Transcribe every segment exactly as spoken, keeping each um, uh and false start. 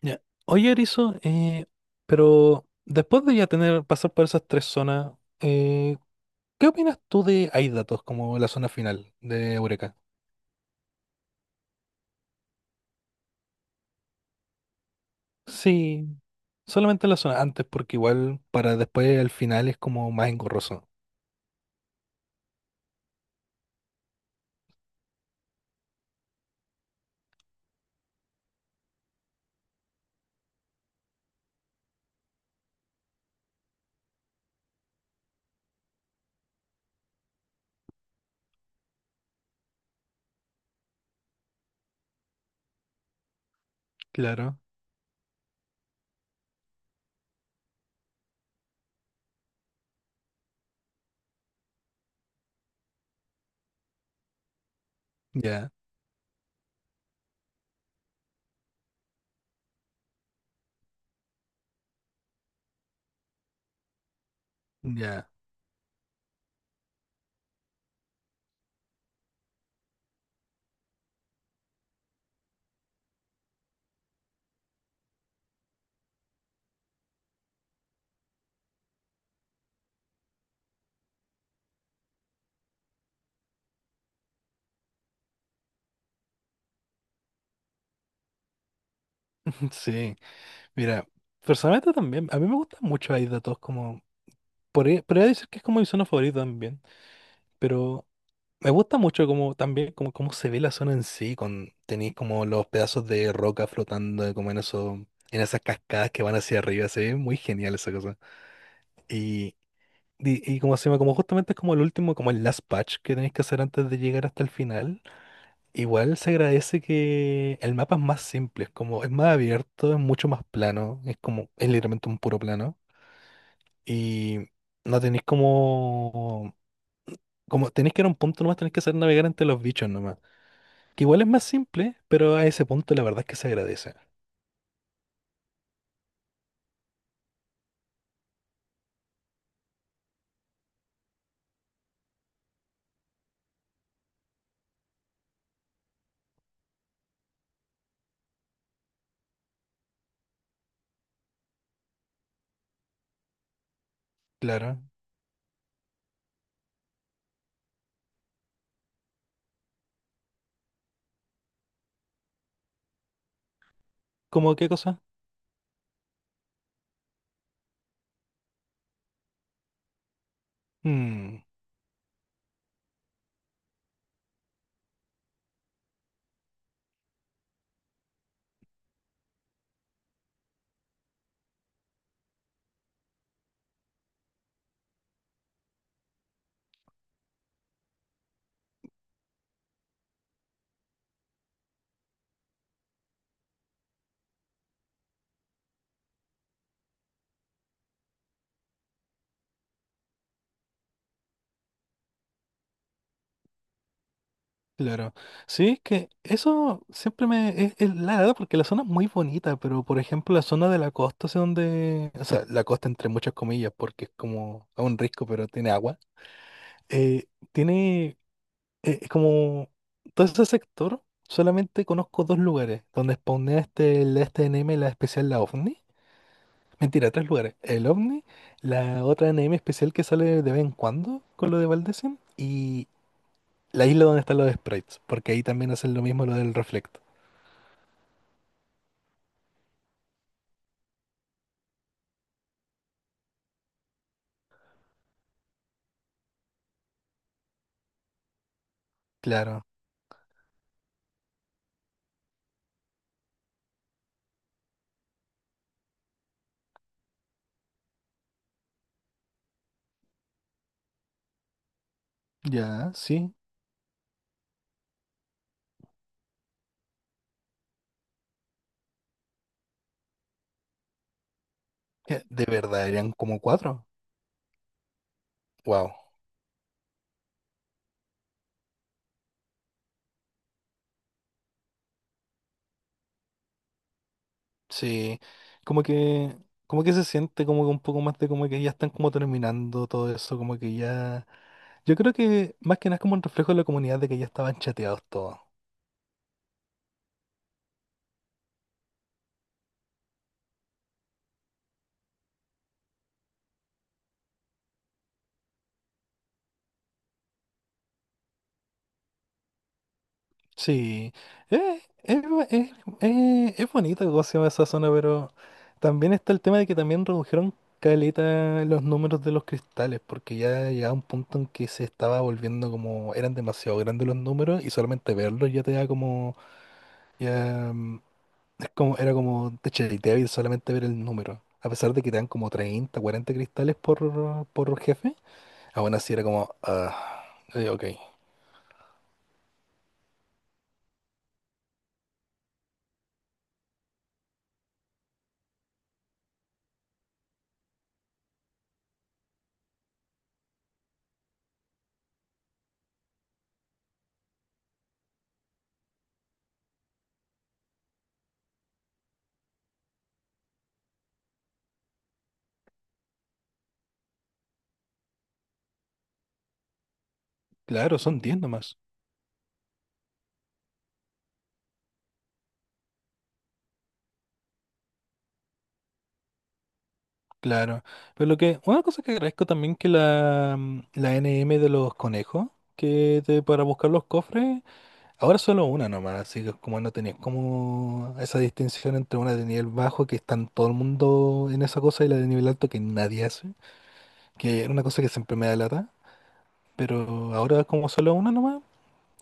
Ya. Oye, Erizo, eh, pero después de ya tener, pasar por esas tres zonas, eh, ¿qué opinas tú de Hay datos como la zona final de Eureka? Sí, solamente la zona antes, porque igual para después al final es como más engorroso. Claro. Ya, ya. Sí, mira, personalmente también, a mí me gusta mucho Hay datos como, por- podría decir que es como mi zona favorita también, pero me gusta mucho como también como cómo se ve la zona en sí, con tenéis como los pedazos de roca flotando eh, como en eso, en esas cascadas que van hacia arriba, se ve muy genial esa cosa. Y, y, y como se llama, como justamente es como el último, como el last patch que tenéis que hacer antes de llegar hasta el final, igual se agradece que el mapa es más simple, es como, es más abierto, es mucho más plano, es como, es literalmente un puro plano. Y no tenéis como, como tenéis que ir a un punto nomás, tenéis que hacer navegar entre los bichos nomás. Que igual es más simple, pero a ese punto la verdad es que se agradece. Claro. ¿Cómo qué cosa? Mm, claro. Sí, es que eso siempre me... Es, es la verdad porque la zona es muy bonita, pero por ejemplo la zona de la costa, hacia donde... O sea, la costa entre muchas comillas, porque es como a un risco, pero tiene agua. eh, tiene... eh, es como... Todo ese sector, solamente conozco dos lugares, donde spawnea este, la S T N M, la especial, la OVNI. Mentira, tres lugares. El OVNI, la otra anime especial que sale de vez en cuando con lo de Valdesim y la isla donde están los sprites, porque ahí también hacen lo mismo lo del reflecto. Claro, ya, sí. Ya, de verdad, eran como cuatro. Wow. Sí, como que, como que se siente como que un poco más de como que ya están como terminando todo eso, como que ya... Yo creo que más que nada es como un reflejo de la comunidad de que ya estaban chateados todos. Sí, eh, es, bu- es- eh, es bonita cómo se llama esa zona, pero también está el tema de que también redujeron caleta los números de los cristales, porque ya llegaba un punto en que se estaba volviendo como, eran demasiado grandes los números y solamente verlos ya te da como, ya, mm, es como, era como te ch- débil solamente ver el número. A pesar de que te dan como treinta, cuarenta cristales por, por jefe, aún así era como, ah, eh, ok, claro, son diez nomás. Claro, pero lo que, una cosa que agradezco también que la, mm, la N M de los conejos, que te- para buscar los cofres, ahora solo una nomás, así que como no tenías como esa distinción entre una de nivel bajo que están todo el mundo en esa cosa y la de nivel alto que nadie hace, que era una cosa que siempre me da lata, pero ahora como solo una nomás,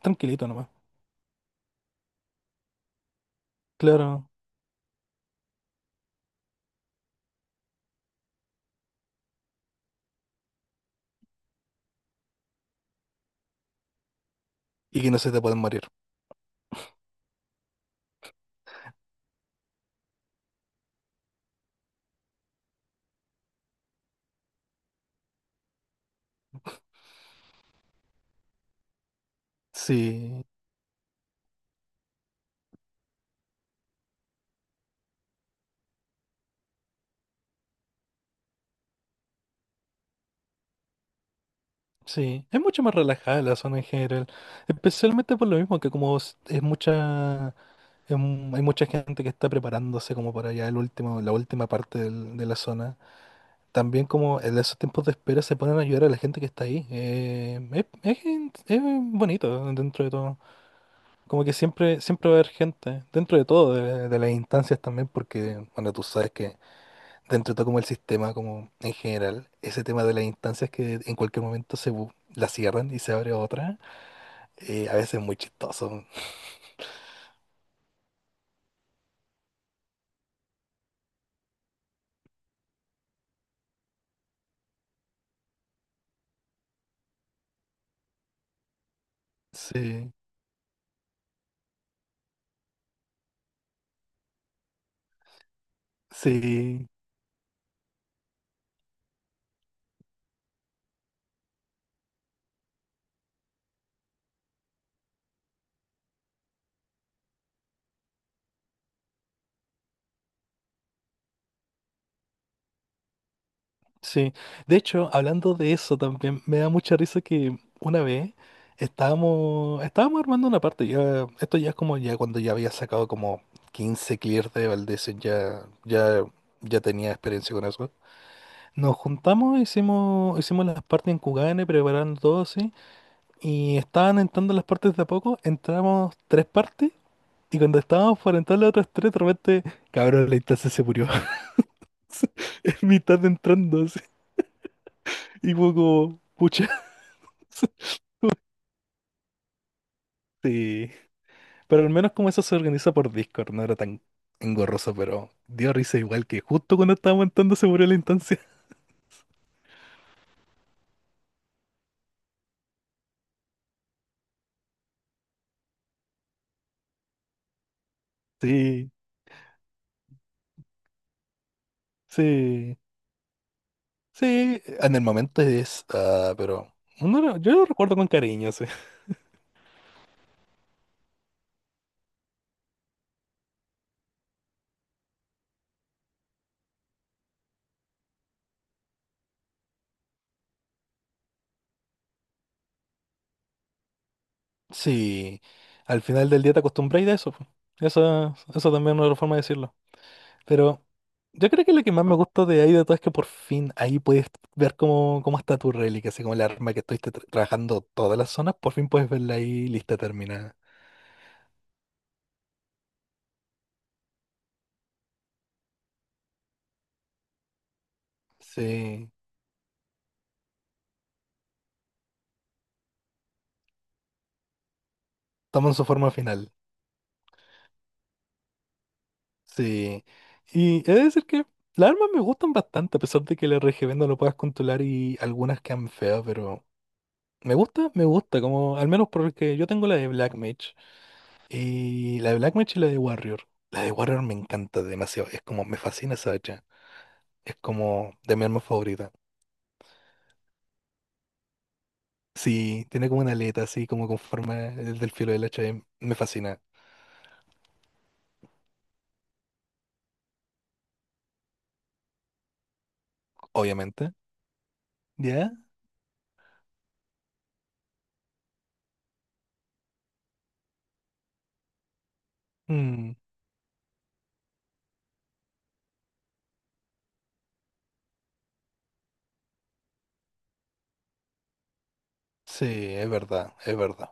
tranquilito nomás, claro, y que no se te pueden morir. Sí, sí, es mucho más relajada la zona en general, especialmente por lo mismo que como es es mucha... Es un- hay mucha gente que está preparándose como para allá el último, la última parte del- de la zona. También como en esos tiempos de espera se ponen a ayudar a la gente que está ahí. Eh, es, es gen- es bonito dentro de todo. Como que siempre, siempre va a haber gente, dentro de todo, de, de las instancias también, porque, bueno, tú sabes que dentro de todo como el sistema, como en general, ese tema de las instancias que en cualquier momento se bu- la cierran y se abre otra, eh, a veces es muy chistoso. Sí, sí. Sí, de hecho, hablando de eso también, me da mucha risa que una vez estábamos, estábamos armando una parte, ya, esto ya es como ya cuando ya había sacado como quince clears de Valdez, ya, ya, ya tenía experiencia con eso. Nos juntamos, hicimos, hicimos las partes en Kugane, preparando todo así, y estaban entrando las partes de a poco, entramos tres partes, y cuando estábamos por entrar las otras tres, de repente, cabrón, la instancia se murió, en mitad de entrando así, y fue como, pucha. Sí, pero al menos como eso se organiza por Discord, no era tan engorroso, pero dio risa igual que justo cuando estábamos entrando se murió la instancia. Sí, sí, sí, en el momento es, ah, pero uno lo- yo lo recuerdo con cariño, sí. Sí, al final del día te acostumbras a eso, po. Esa, esa también es una forma de decirlo. Pero yo creo que lo que más me gustó de ahí de todo es que por fin ahí puedes ver cómo, cómo está tu reliquia, así como el arma que estuviste tra- trabajando todas las zonas, por fin puedes verla ahí lista, terminada. Sí, toman su forma final. Sí. Y he de decir que las armas me gustan bastante, a pesar de que el R G B no lo puedas controlar y algunas quedan feas, pero me gusta, me gusta, como al menos porque yo tengo la de Black Mage y la de Black Mage y la de Warrior. La de Warrior me encanta demasiado, es como me fascina esa hacha. Es como de mi arma favorita. Sí, tiene como una aleta así como con forma del del filo del hacha. Y me fascina, obviamente. ¿Ya? Mm, sí, es verdad, es verdad.